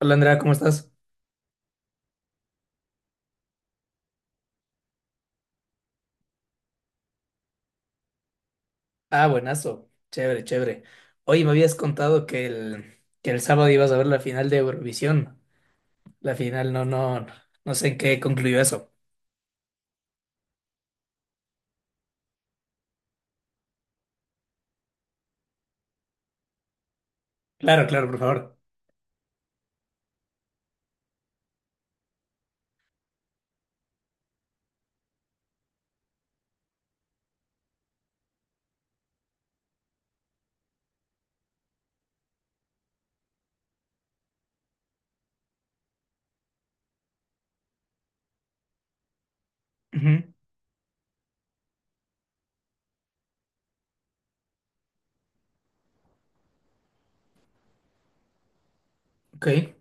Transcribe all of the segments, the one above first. Hola Andrea, ¿cómo estás? Ah, buenazo. Chévere, chévere. Oye, me habías contado que el sábado ibas a ver la final de Eurovisión. La final, no, no, no sé en qué concluyó eso. Claro, claro, por favor. Ujú, Ok,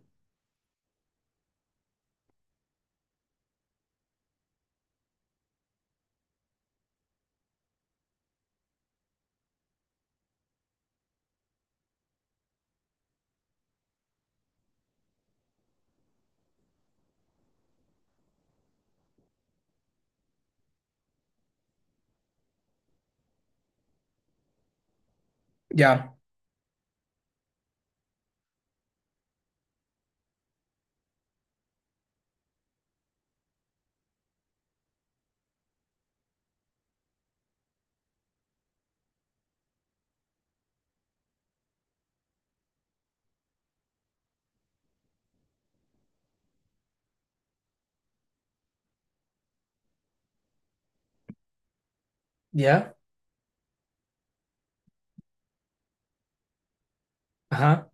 ya, ya, ajá,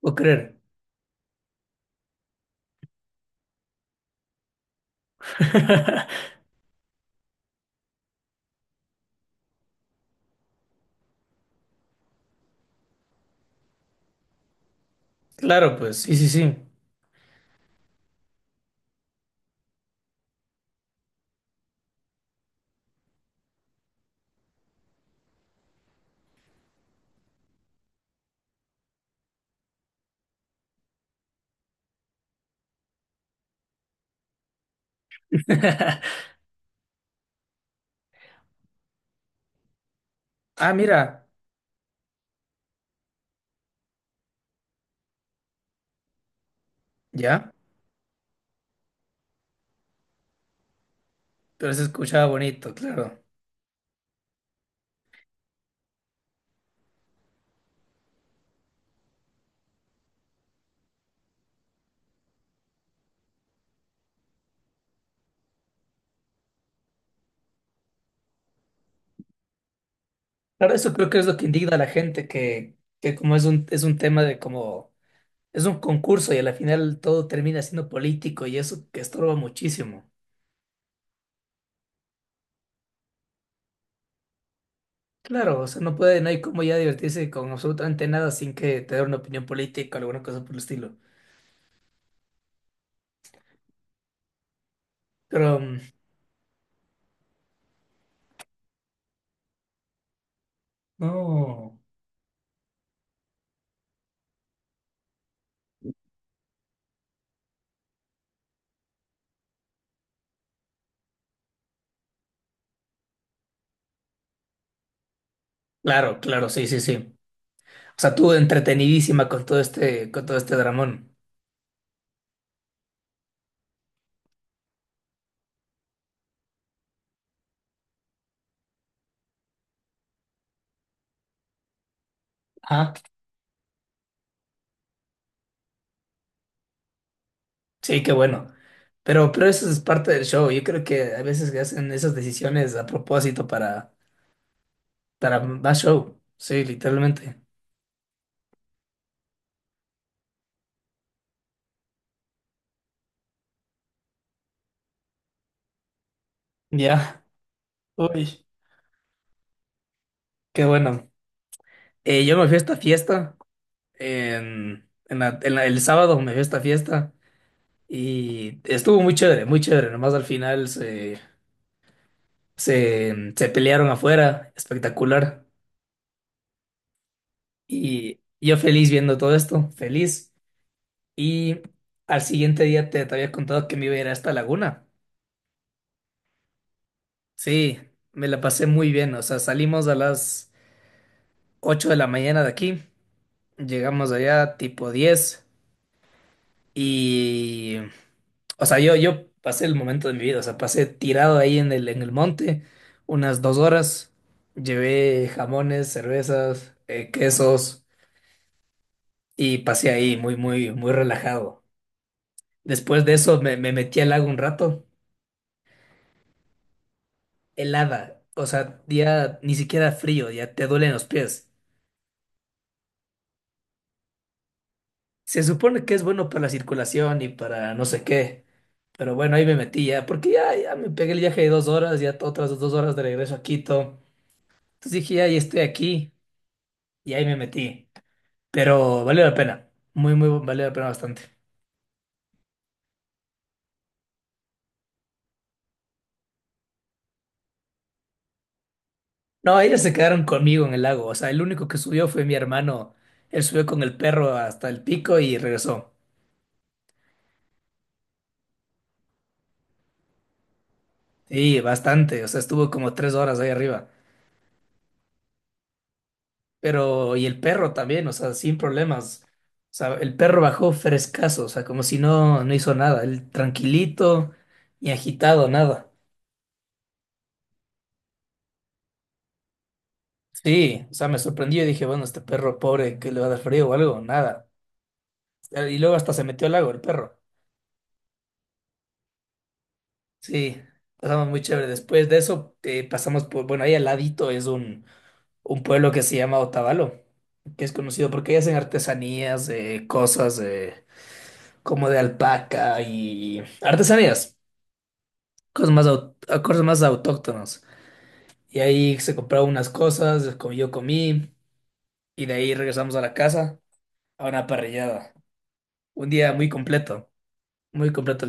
puedo creer. Claro, pues, sí, sí, sí. Ah, mira, ya, pero se escuchaba bonito, claro. Claro, eso creo que es lo que indigna a la gente, que como es un tema de como. Es un concurso y a la final todo termina siendo político y eso que estorba muchísimo. Claro, o sea, no puede, no hay como ya divertirse con absolutamente nada sin que te dé una opinión política o alguna cosa por el estilo. Pero, no. Claro, claro, sí, sí, sí. O sea, tú entretenidísima con todo este dramón. Ah, sí, qué bueno. Pero eso es parte del show. Yo creo que a veces que hacen esas decisiones a propósito para más show. Sí, literalmente. Ya. Uy, qué bueno. Yo me fui a esta fiesta el sábado me fui a esta fiesta y estuvo muy chévere, muy chévere. Nomás al final se pelearon afuera, espectacular. Y yo feliz viendo todo esto, feliz. Y al siguiente día te había contado que me iba a ir a esta laguna. Sí, me la pasé muy bien. O sea, salimos a las 8 de la mañana de aquí, llegamos allá tipo 10. Y, o sea, yo pasé el momento de mi vida, o sea, pasé tirado ahí en el monte unas 2 horas, llevé jamones, cervezas, quesos y pasé ahí muy, muy, muy relajado. Después de eso me metí al lago un rato, helada, o sea, ya ni siquiera frío, ya te duelen los pies. Se supone que es bueno para la circulación y para no sé qué, pero bueno, ahí me metí ya, porque ya me pegué el viaje de 2 horas, ya otras 2 horas de regreso a Quito. Entonces dije, ahí estoy aquí y ahí me metí. Pero valió la pena, muy, muy, valió la pena bastante. No, ellos se quedaron conmigo en el lago, o sea, el único que subió fue mi hermano. Él subió con el perro hasta el pico y regresó. Sí, bastante, o sea, estuvo como 3 horas ahí arriba. Pero, y el perro también, o sea, sin problemas. O sea, el perro bajó frescazo, o sea, como si no, no hizo nada, él tranquilito, ni agitado, nada. Sí, o sea, me sorprendió y dije, bueno, este perro pobre, ¿que le va a dar frío o algo? Nada. Y luego hasta se metió al lago el perro. Sí, pasamos muy chévere. Después de eso, pasamos por, bueno, ahí al ladito es un pueblo que se llama Otavalo, que es conocido porque ahí hacen artesanías, cosas como de alpaca y artesanías, cosas más, au- cosas más autóctonas. Y ahí se compraron unas cosas, yo comí, y de ahí regresamos a la casa a una parrillada. Un día muy completo, muy completo.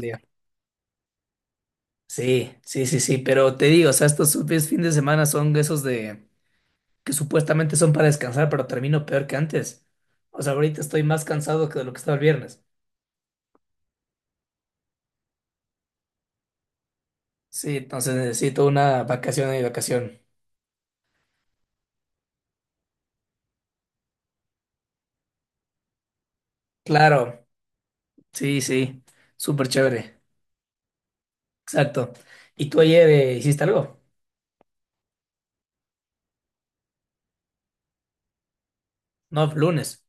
Sí, sí, sí, sí, pero te digo, o sea, estos fines de semana son esos de que supuestamente son para descansar, pero termino peor que antes. O sea, ahorita estoy más cansado que de lo que estaba el viernes. Sí, entonces necesito una vacación y vacación. Claro, sí, sí, súper chévere, exacto. ¿Y tú ayer hiciste algo? No, lunes,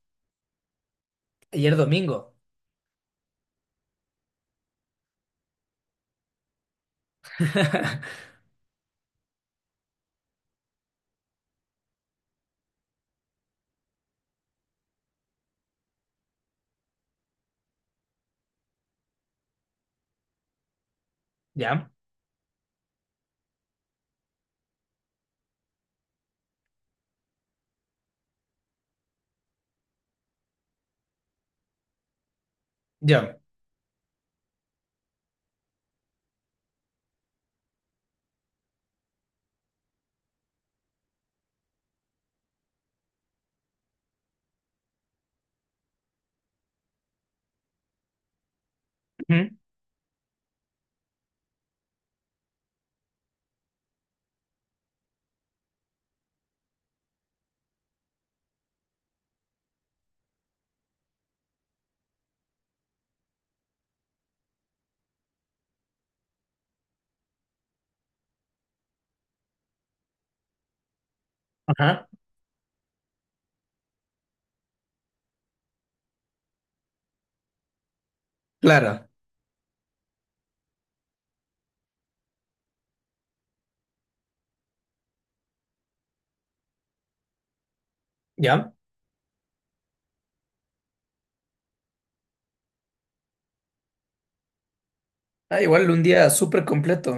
ayer domingo. ¿Ya? Ya. Ujú, Ajá. Claro, ¿ya? Ah, igual un día súper completo.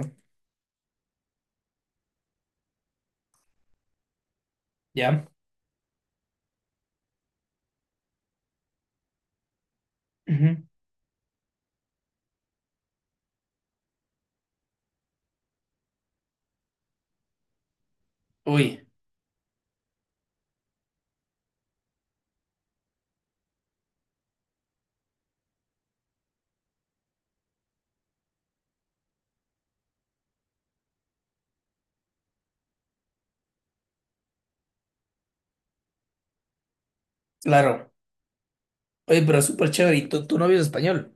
¿Ya? Ujú. Uy, claro. Oye, pero súper chévere. ¿Y tu novio es español?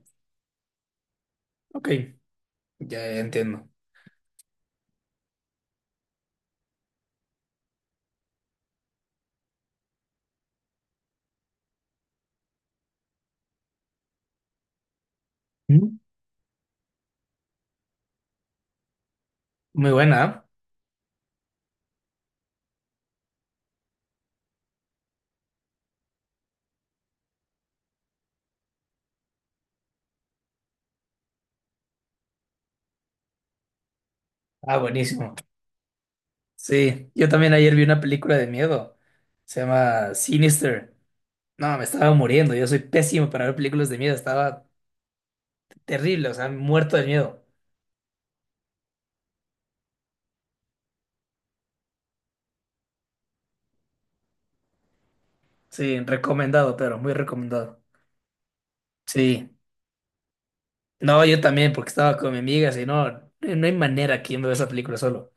Ok, ya entiendo. Mm. Muy buena, ¿ah? Ah, buenísimo. Sí, yo también ayer vi una película de miedo. Se llama Sinister. No, me estaba muriendo. Yo soy pésimo para ver películas de miedo. Estaba terrible, o sea, muerto de miedo. Sí, recomendado, pero muy recomendado. Sí. No, yo también, porque estaba con mi amiga, si no, no hay manera que yo me vea esa película solo.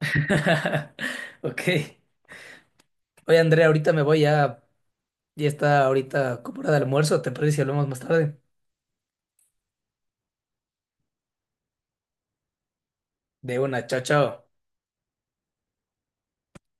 Ok. Oye, Andrea, ahorita me voy ya. Ya está ahorita como hora de almuerzo, ¿te parece si hablamos más tarde? De una, chao, chao.